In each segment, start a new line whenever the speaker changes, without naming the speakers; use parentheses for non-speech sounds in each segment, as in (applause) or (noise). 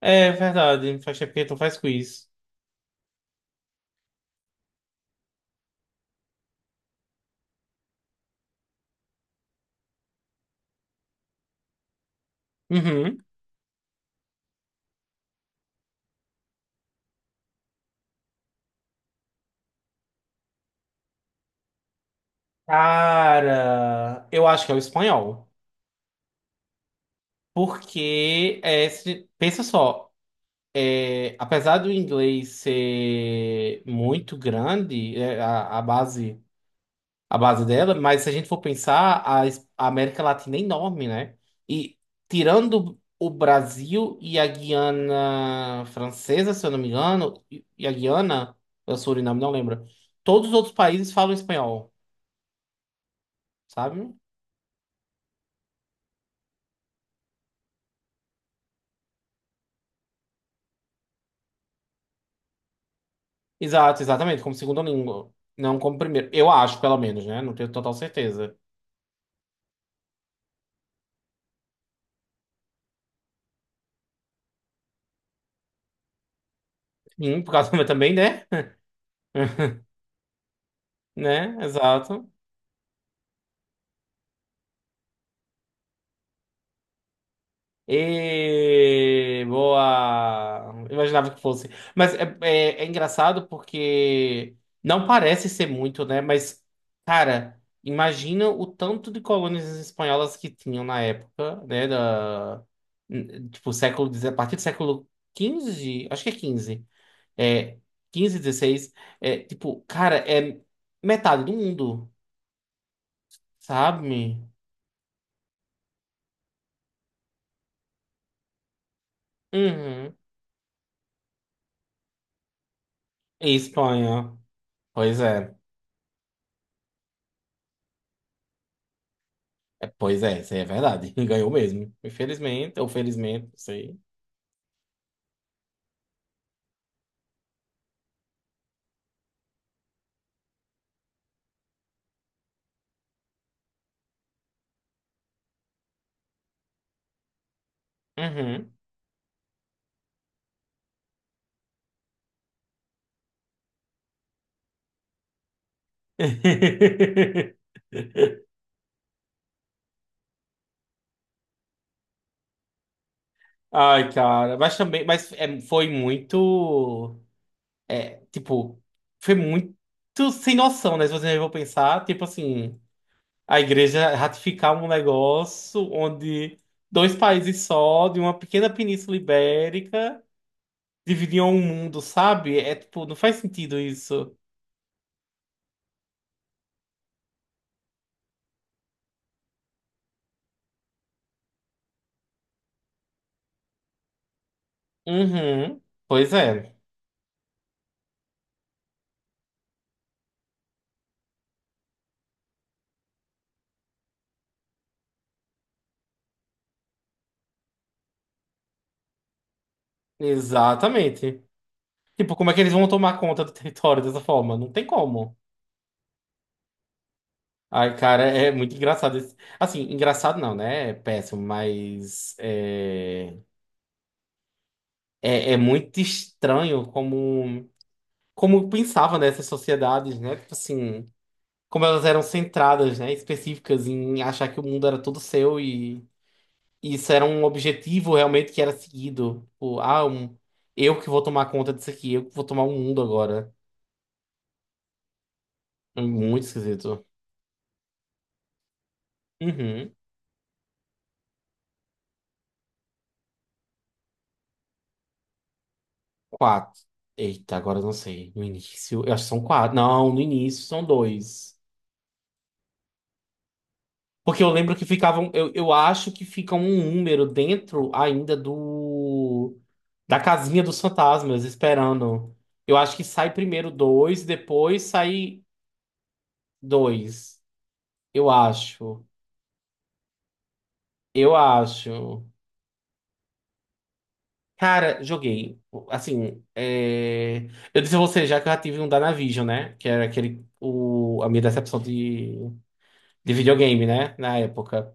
É verdade, faz tempo que tu faz quiz. Uhum. Cara, eu acho que é o espanhol. Porque, pensa só, apesar do inglês ser muito grande, a base dela, mas se a gente for pensar, a América Latina é enorme, né? E tirando o Brasil e a Guiana Francesa, se eu não me engano, e a Guiana, o Suriname, não lembro, todos os outros países falam espanhol. Sabe? Exato, exatamente, como segunda língua, não como primeiro. Eu acho, pelo menos, né? Não tenho total certeza. Sim, por causa (laughs) também, né? Né? Exato. E boa. Imaginava que fosse. Mas é engraçado porque não parece ser muito, né? Mas, cara, imagina o tanto de colônias espanholas que tinham na época, né? Da, tipo, século, 10, a partir do século 15, acho que é 15. É, quinze, 16. É, tipo, cara, é metade do mundo, sabe? Uhum. E Espanha. Pois é. É, pois é, isso aí é verdade. (laughs) Ganhou mesmo. Infelizmente, ou felizmente, não sei. Uhum. (laughs) Ai, cara. Mas também, foi muito. Tipo, foi muito sem noção, né? Se você for pensar, tipo assim. A igreja ratificar um negócio onde dois países só, de uma pequena península ibérica, dividiam o mundo, sabe? É tipo, não faz sentido isso. Uhum. Pois é, exatamente. Tipo, como é que eles vão tomar conta do território dessa forma? Não tem como. Ai, cara, é muito engraçado. Assim, engraçado não, né? É péssimo, mas é muito estranho como pensava nessas sociedades, né? Tipo assim. Como elas eram centradas, né, específicas em achar que o mundo era todo seu e isso era um objetivo realmente que era seguido. Tipo, eu que vou tomar conta disso aqui, eu que vou tomar o mundo agora. É muito esquisito. Uhum. Quatro. Eita, agora eu não sei. No início, eu acho que são quatro. Não, no início são dois. Porque eu lembro que ficavam, eu acho que fica um número dentro ainda do da casinha dos fantasmas esperando. Eu acho que sai primeiro dois, depois sai dois. Eu acho. Eu acho. Cara, joguei. Assim, eu disse a você já que eu já tive um Dynavision, né? Que era aquele, a minha decepção de videogame, né? Na época.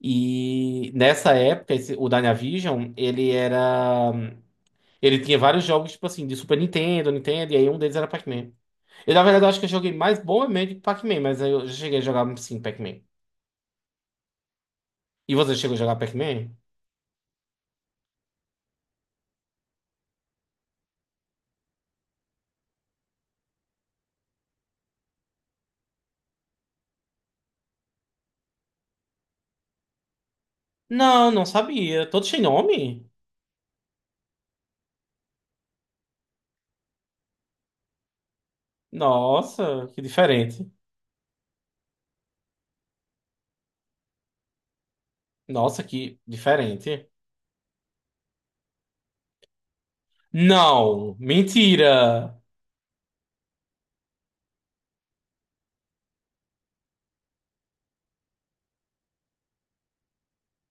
E nessa época, o Dynavision, ele era. Ele tinha vários jogos, tipo assim, de Super Nintendo, Nintendo, e aí um deles era Pac-Man. Eu, na verdade, eu acho que eu joguei mais Bomberman do que Pac-Man, mas eu já cheguei a jogar, sim, Pac-Man. E você chegou a jogar Pac-Man? Não, não sabia. Todos têm nome? Nossa, que diferente. Nossa, que diferente. Não, mentira.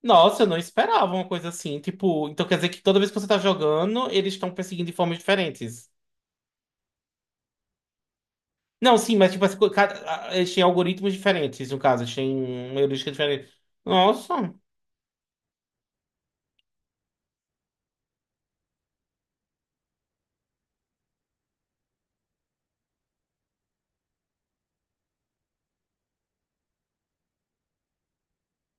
Nossa, eu não esperava uma coisa assim. Tipo, então quer dizer que toda vez que você tá jogando, eles estão perseguindo de formas diferentes. Não, sim, mas tipo, assim, eles têm algoritmos diferentes, no caso, eles têm uma heurística diferente. Nossa,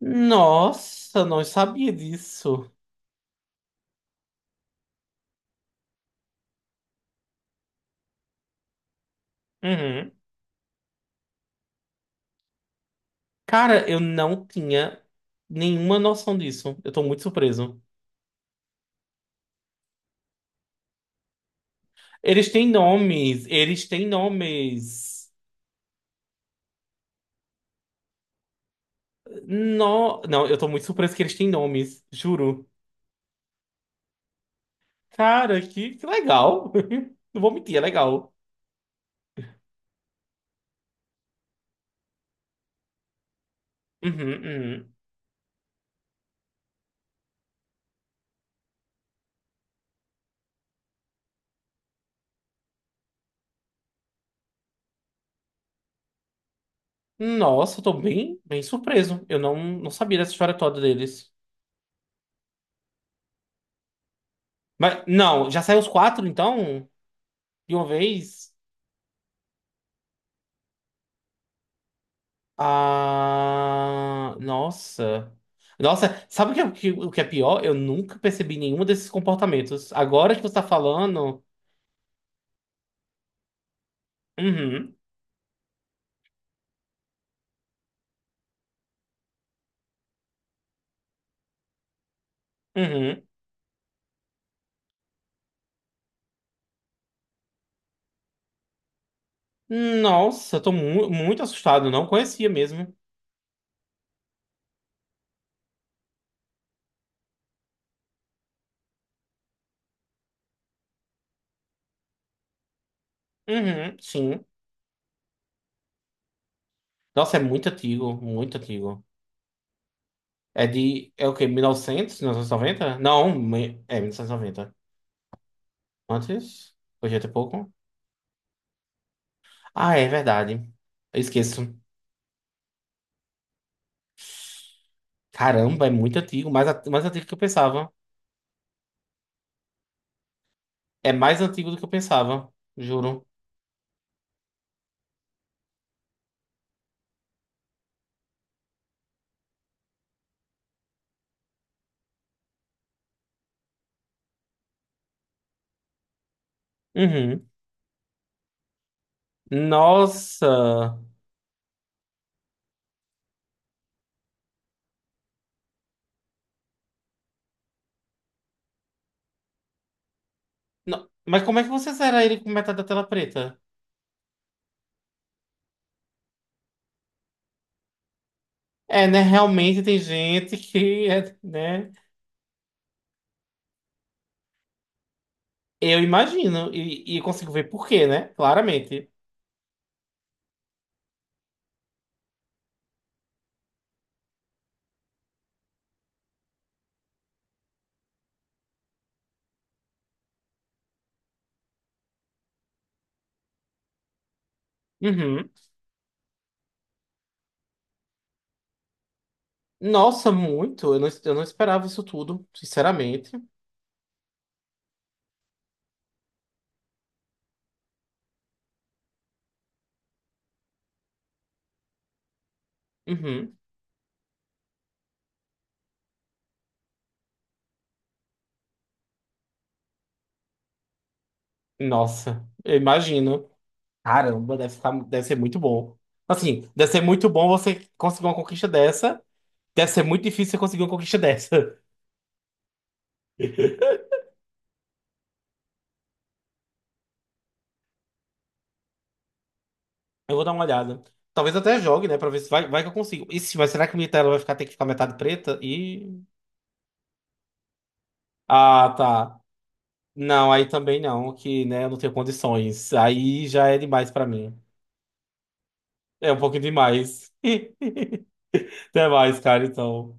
nossa, não sabia disso. Uhum. Cara, eu não tinha nenhuma noção disso. Eu tô muito surpreso. Eles têm nomes, eles têm nomes. No... Não, eu tô muito surpreso que eles têm nomes, juro. Cara, que legal. (laughs) Não vou mentir, é legal. Uhum, uhum. Nossa, eu tô bem, bem surpreso. Eu não, não sabia dessa história toda deles. Mas, não, já saiu os quatro, então? De uma vez? Ah, nossa. Nossa, sabe o que, o que é pior? Eu nunca percebi nenhum desses comportamentos. Agora que você tá falando. Uhum, uhum. Nossa, eu tô muito assustado. Não conhecia mesmo. Uhum, sim. Nossa, é muito antigo, muito antigo. É de. É o quê? 1900? 1990? Não, é 1990. Antes? Hoje é até pouco. Ah, é verdade. Eu esqueço. Caramba, é muito antigo, mais antigo do que eu pensava. É mais antigo do que eu pensava, juro. Uhum. Nossa! Mas como é que você zera ele com metade da tela preta? É, né? Realmente tem gente que (laughs) é, né? Eu imagino e consigo ver por quê, né? Claramente. Uhum. Nossa, muito. Eu não esperava isso tudo, sinceramente. Uhum. Nossa, eu imagino. Caramba, deve ser muito bom. Assim, deve ser muito bom você conseguir uma conquista dessa. Deve ser muito difícil você conseguir uma conquista dessa. (laughs) Eu vou dar uma olhada. Talvez até jogue, né? Pra ver se vai, vai que eu consigo. E se, Mas será que minha tela ter que ficar metade preta? E. Ah, tá. Não, aí também não, que, né, eu não tenho condições. Aí já é demais pra mim. É um pouquinho demais. (laughs) Até mais, cara, então.